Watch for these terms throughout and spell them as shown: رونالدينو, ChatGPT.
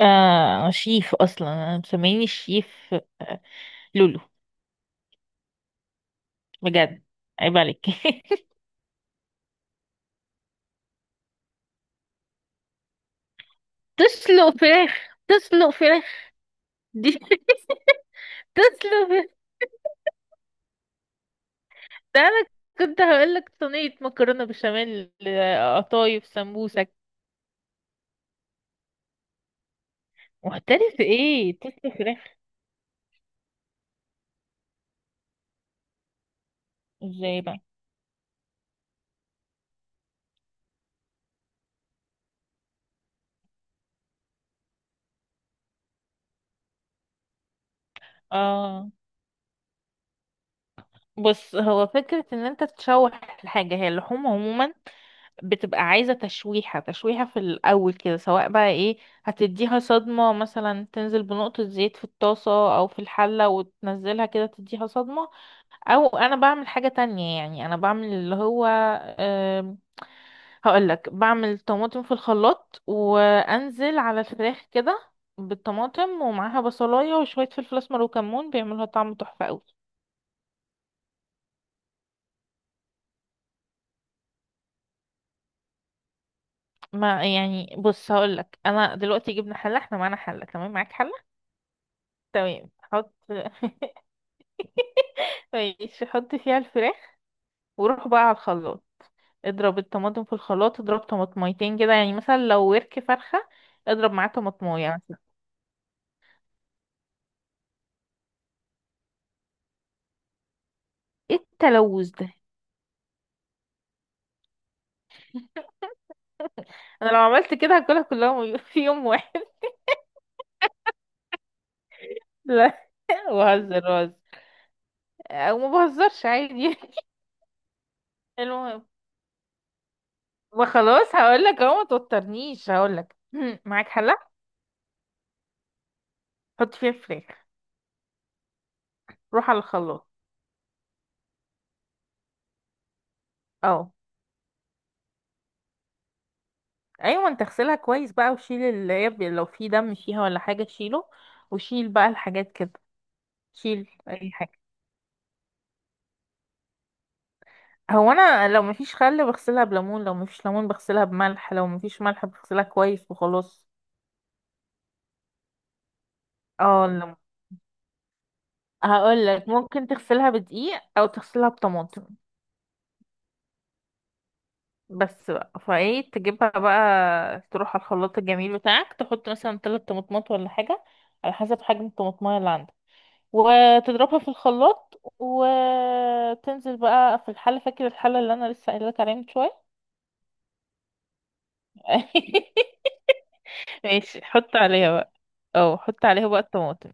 آه، شيف. اصلا انا مسميني شيف آه لولو. بجد. عيب عليك. تسلق فراخ، تسلق فراخ دي. تسلق فراخ. ده انا كنت هقولك صينية مكرونة بشاميل، قطايف، سمبوسك. محترف ايه تسلق فراخ؟ ازاي بقى؟ اه، بص، هو فكرة ان انت تشوح الحاجة. هي اللحوم عموما بتبقى عايزة تشويحة تشويحة في الأول كده، سواء بقى ايه، هتديها صدمة. مثلا تنزل بنقطة زيت في الطاسة أو في الحلة وتنزلها كده، تديها صدمة. أو أنا بعمل حاجة تانية، يعني أنا بعمل اللي هو أم، هقولك، بعمل طماطم في الخلاط وأنزل على الفراخ كده، بالطماطم ومعاها بصلاية وشوية فلفل أسمر وكمون، بيعملوا طعم تحفة أوي. ما يعني، بص، هقولك أنا دلوقتي جبنا حلة، احنا معانا حلة. تمام، معاك حلة؟ تمام، حط. ماشي، حط فيها الفراخ، وروح بقى على الخلاط. اضرب الطماطم في الخلاط، اضرب طماطميتين كده، يعني مثلا لو ورك فرخة اضرب معاه طماطمايه مثلا. ايه التلوث ده؟ انا لو عملت كده هاكلها كلها في يوم واحد. لا، بهزر بهزر. او ما بهزرش عادي. المهم، وخلاص هقول لك اهو، ما توترنيش، هقول لك. معاك حله؟ حط فيها فراخ. روح على الخلاط. اهو. ايوه، انت اغسلها كويس بقى، وشيل اللي هي لو في دم فيها ولا حاجه شيله، وشيل بقى الحاجات كده. شيل اي حاجه. هو انا لو مفيش خل بغسلها بليمون، لو مفيش ليمون بغسلها بملح، لو مفيش ملح بغسلها كويس وخلاص. اه، الليمون. هقول لك ممكن تغسلها بدقيق او تغسلها بطماطم. بس بقى، فايه تجيبها بقى، تروح على الخلاط الجميل بتاعك، تحط مثلا 3 طماطمات ولا حاجه، على حسب حجم الطماطمايه اللي عندك، وتضربها في الخلاط وتنزل بقى في الحلة. فاكر الحلة اللي انا لسه قايله لك عليها من شويه؟ ماشي، حط عليها بقى. اه، حط عليها بقى الطماطم.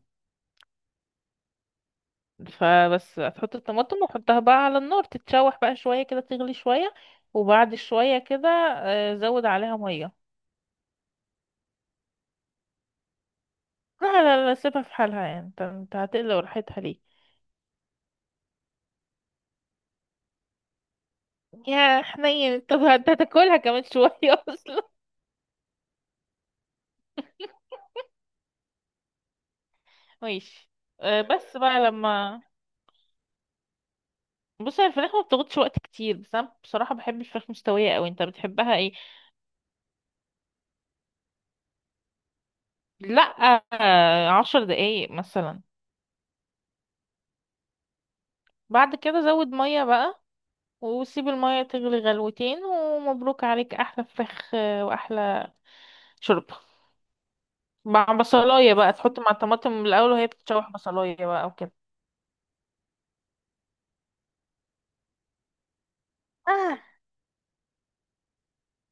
فبس هتحط الطماطم وحطها بقى على النار، تتشوح بقى شويه كده، تغلي شويه. وبعد شويه كده زود عليها ميه. لا لا لا، سيبها في حالها، يعني انت هتقلق راحتها ليه؟ يا حنين، طب انت هتاكلها كمان شويه. اصلا. ماشي. بس بقى لما، بص، هي الفراخ ما بتاخدش وقت كتير، بس انا بصراحة بحب الفراخ مستوية قوي. انت بتحبها ايه؟ لا، آه، 10 دقايق مثلا. بعد كده زود مية بقى، وسيب المية تغلي غلوتين، ومبروك عليك احلى فراخ واحلى شوربة، مع بصلاية بقى، تحط مع الطماطم من الاول وهي بتتشوح، بصلاية بقى او كده. آه،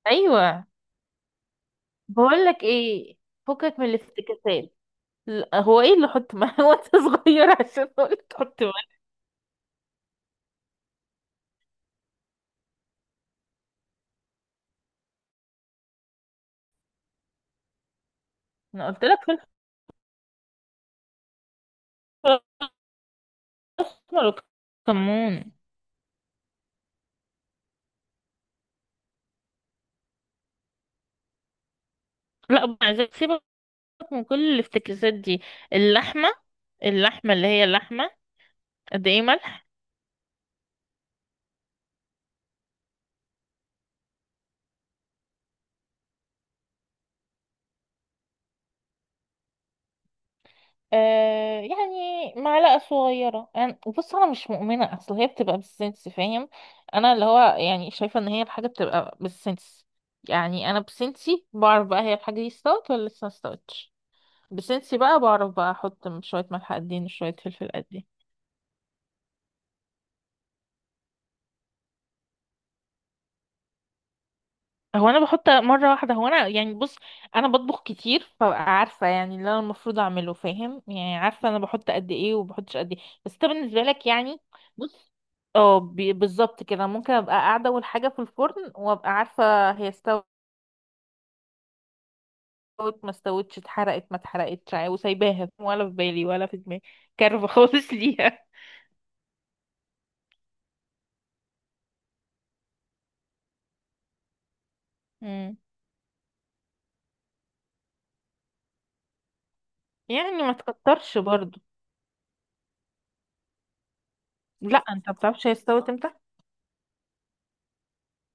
ايوه، بقول لك ايه، فكك من الافتكاسات. لا، هو ايه اللي حط ملح وانت صغير عشان اقول لك حط ملح؟ انا قلت لك فلفل اسمر وكمون. لا، مع ذلك سيبك من كل الافتكاسات دي. اللحمة، اللحمة اللي هي اللحمة، قد ايه ملح؟ يعني معلقة صغيرة. أنا بص، أنا مش مؤمنة، أصل هي بتبقى بالسنس، فاهم؟ أنا اللي هو يعني شايفة إن هي الحاجة بتبقى بالسنس، يعني أنا بسنسي بعرف بقى هي الحاجة دي استوت ولا لسه ما استوتش. بسنسي بقى بعرف بقى أحط شوية ملح قد ايه، شوية فلفل قد ايه. هو انا بحط مره واحده، هو انا، يعني بص، انا بطبخ كتير، فعارفه يعني اللي انا المفروض اعمله، فاهم؟ يعني عارفه انا بحط قد ايه وبحطش قد ايه. بس انت بالنسبه لك، يعني، بص، اه، بالظبط كده. ممكن ابقى قاعده اول حاجه في الفرن وابقى عارفه هي استوت ما استوتش، اتحرقت ما اتحرقتش، وسايباها. ولا في بالي ولا في دماغي، كارفه خالص ليها. مم. يعني ما تكترش برضو. لا، انت ما بتعرفش هي استوت امتى.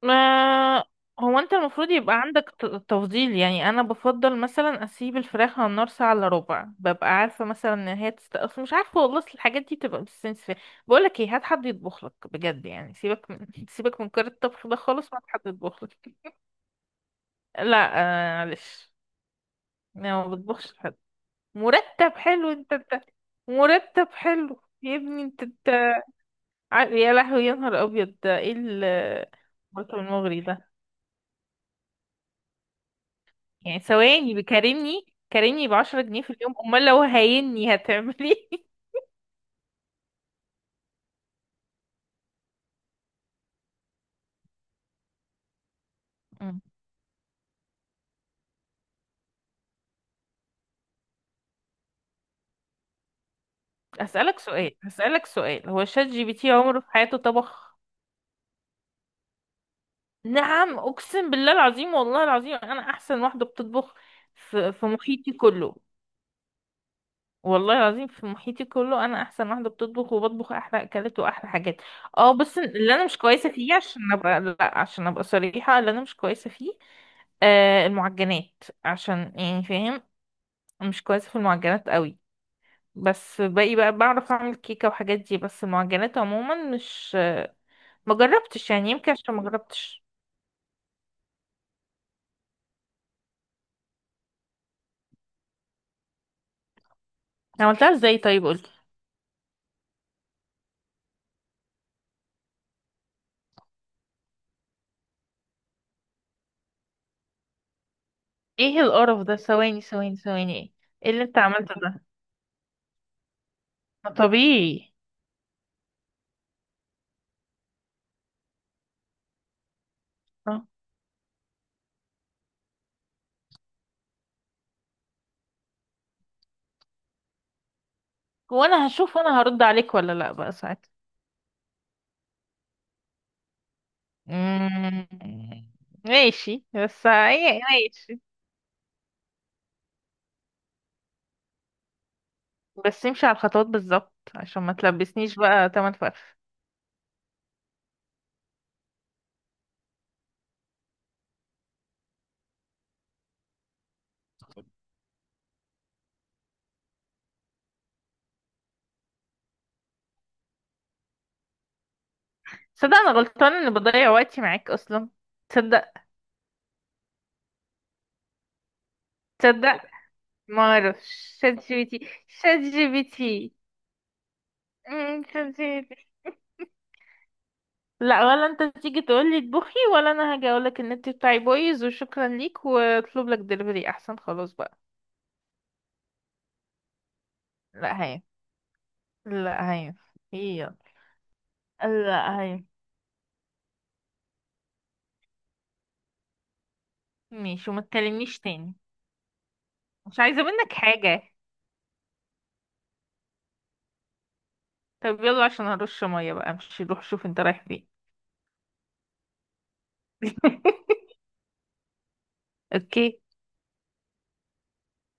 ما هو انت المفروض يبقى عندك تفضيل، يعني انا بفضل مثلا اسيب الفراخ على النار ساعة الا ربع، ببقى عارفة مثلا ان هي تست... أصل مش عارفة والله، أصل الحاجات دي بتبقى بالسنس فيها. بقولك ايه، هات حد يطبخ لك بجد، يعني سيبك من سيبك من كار الطبخ ده خالص، ما حد يطبخ لك. لا، آه، معلش. انا ما بطبخش حد. مرتب حلو؟ انت انت. مرتب حلو يا ابني، انت انت. يا لهوي، يا نهار ابيض، ده ايه المرتب المغري ده؟ يعني ثواني، بكارمني، كارمني ب10 جنيه في اليوم، امال لو هيني هتعملي؟ مم. هسألك سؤال، هسألك سؤال، هو ChatGPT عمره في حياته طبخ؟ نعم، أقسم بالله العظيم، والله العظيم أنا أحسن واحدة بتطبخ في محيطي كله. والله العظيم في محيطي كله أنا أحسن واحدة بتطبخ، وبطبخ أحلى أكلات وأحلى حاجات. اه، بس اللي أنا مش كويسة فيه، عشان أبقى، لا، عشان أبقى صريحة، اللي أنا مش كويسة فيه المعجنات، عشان، يعني، فاهم؟ مش كويسة في المعجنات قوي. بس باقي بقى بعرف اعمل كيكة وحاجات دي، بس المعجنات عموما مش، ما جربتش يعني، يمكن عشان ما جربتش. عملتها ازاي طيب، قولي. ايه القرف ده؟ ثواني ثواني ثواني، ايه إيه اللي انت عملته ده؟ ما طبيعي. آه. وانا هشوف، وانا هرد عليك ولا لا بقى ساعتها. مم. ماشي، بس ايه، ماشي. بس امشي على الخطوات بالظبط، عشان ما تلبسنيش بقى تمن فرف. صدق، انا غلطانه اني بضيع وقتي معاك اصلا. تصدق. تصدق. ما اعرفش ChatGPT، ChatGPT. ChatGPT. لا، ولا انت تيجي تقول لي اطبخي، ولا انا هاجي اقول لك النت بتاعي بايظ وشكرا ليك، واطلب لك دليفري احسن، خلاص بقى. لا هي، لا هي، هي، لا هي. ماشي، وما تكلمنيش تاني. مش عايزه منك حاجه. طب يلا، عشان هرش ميه بقى، مش روح شوف انت رايح فين. اوكي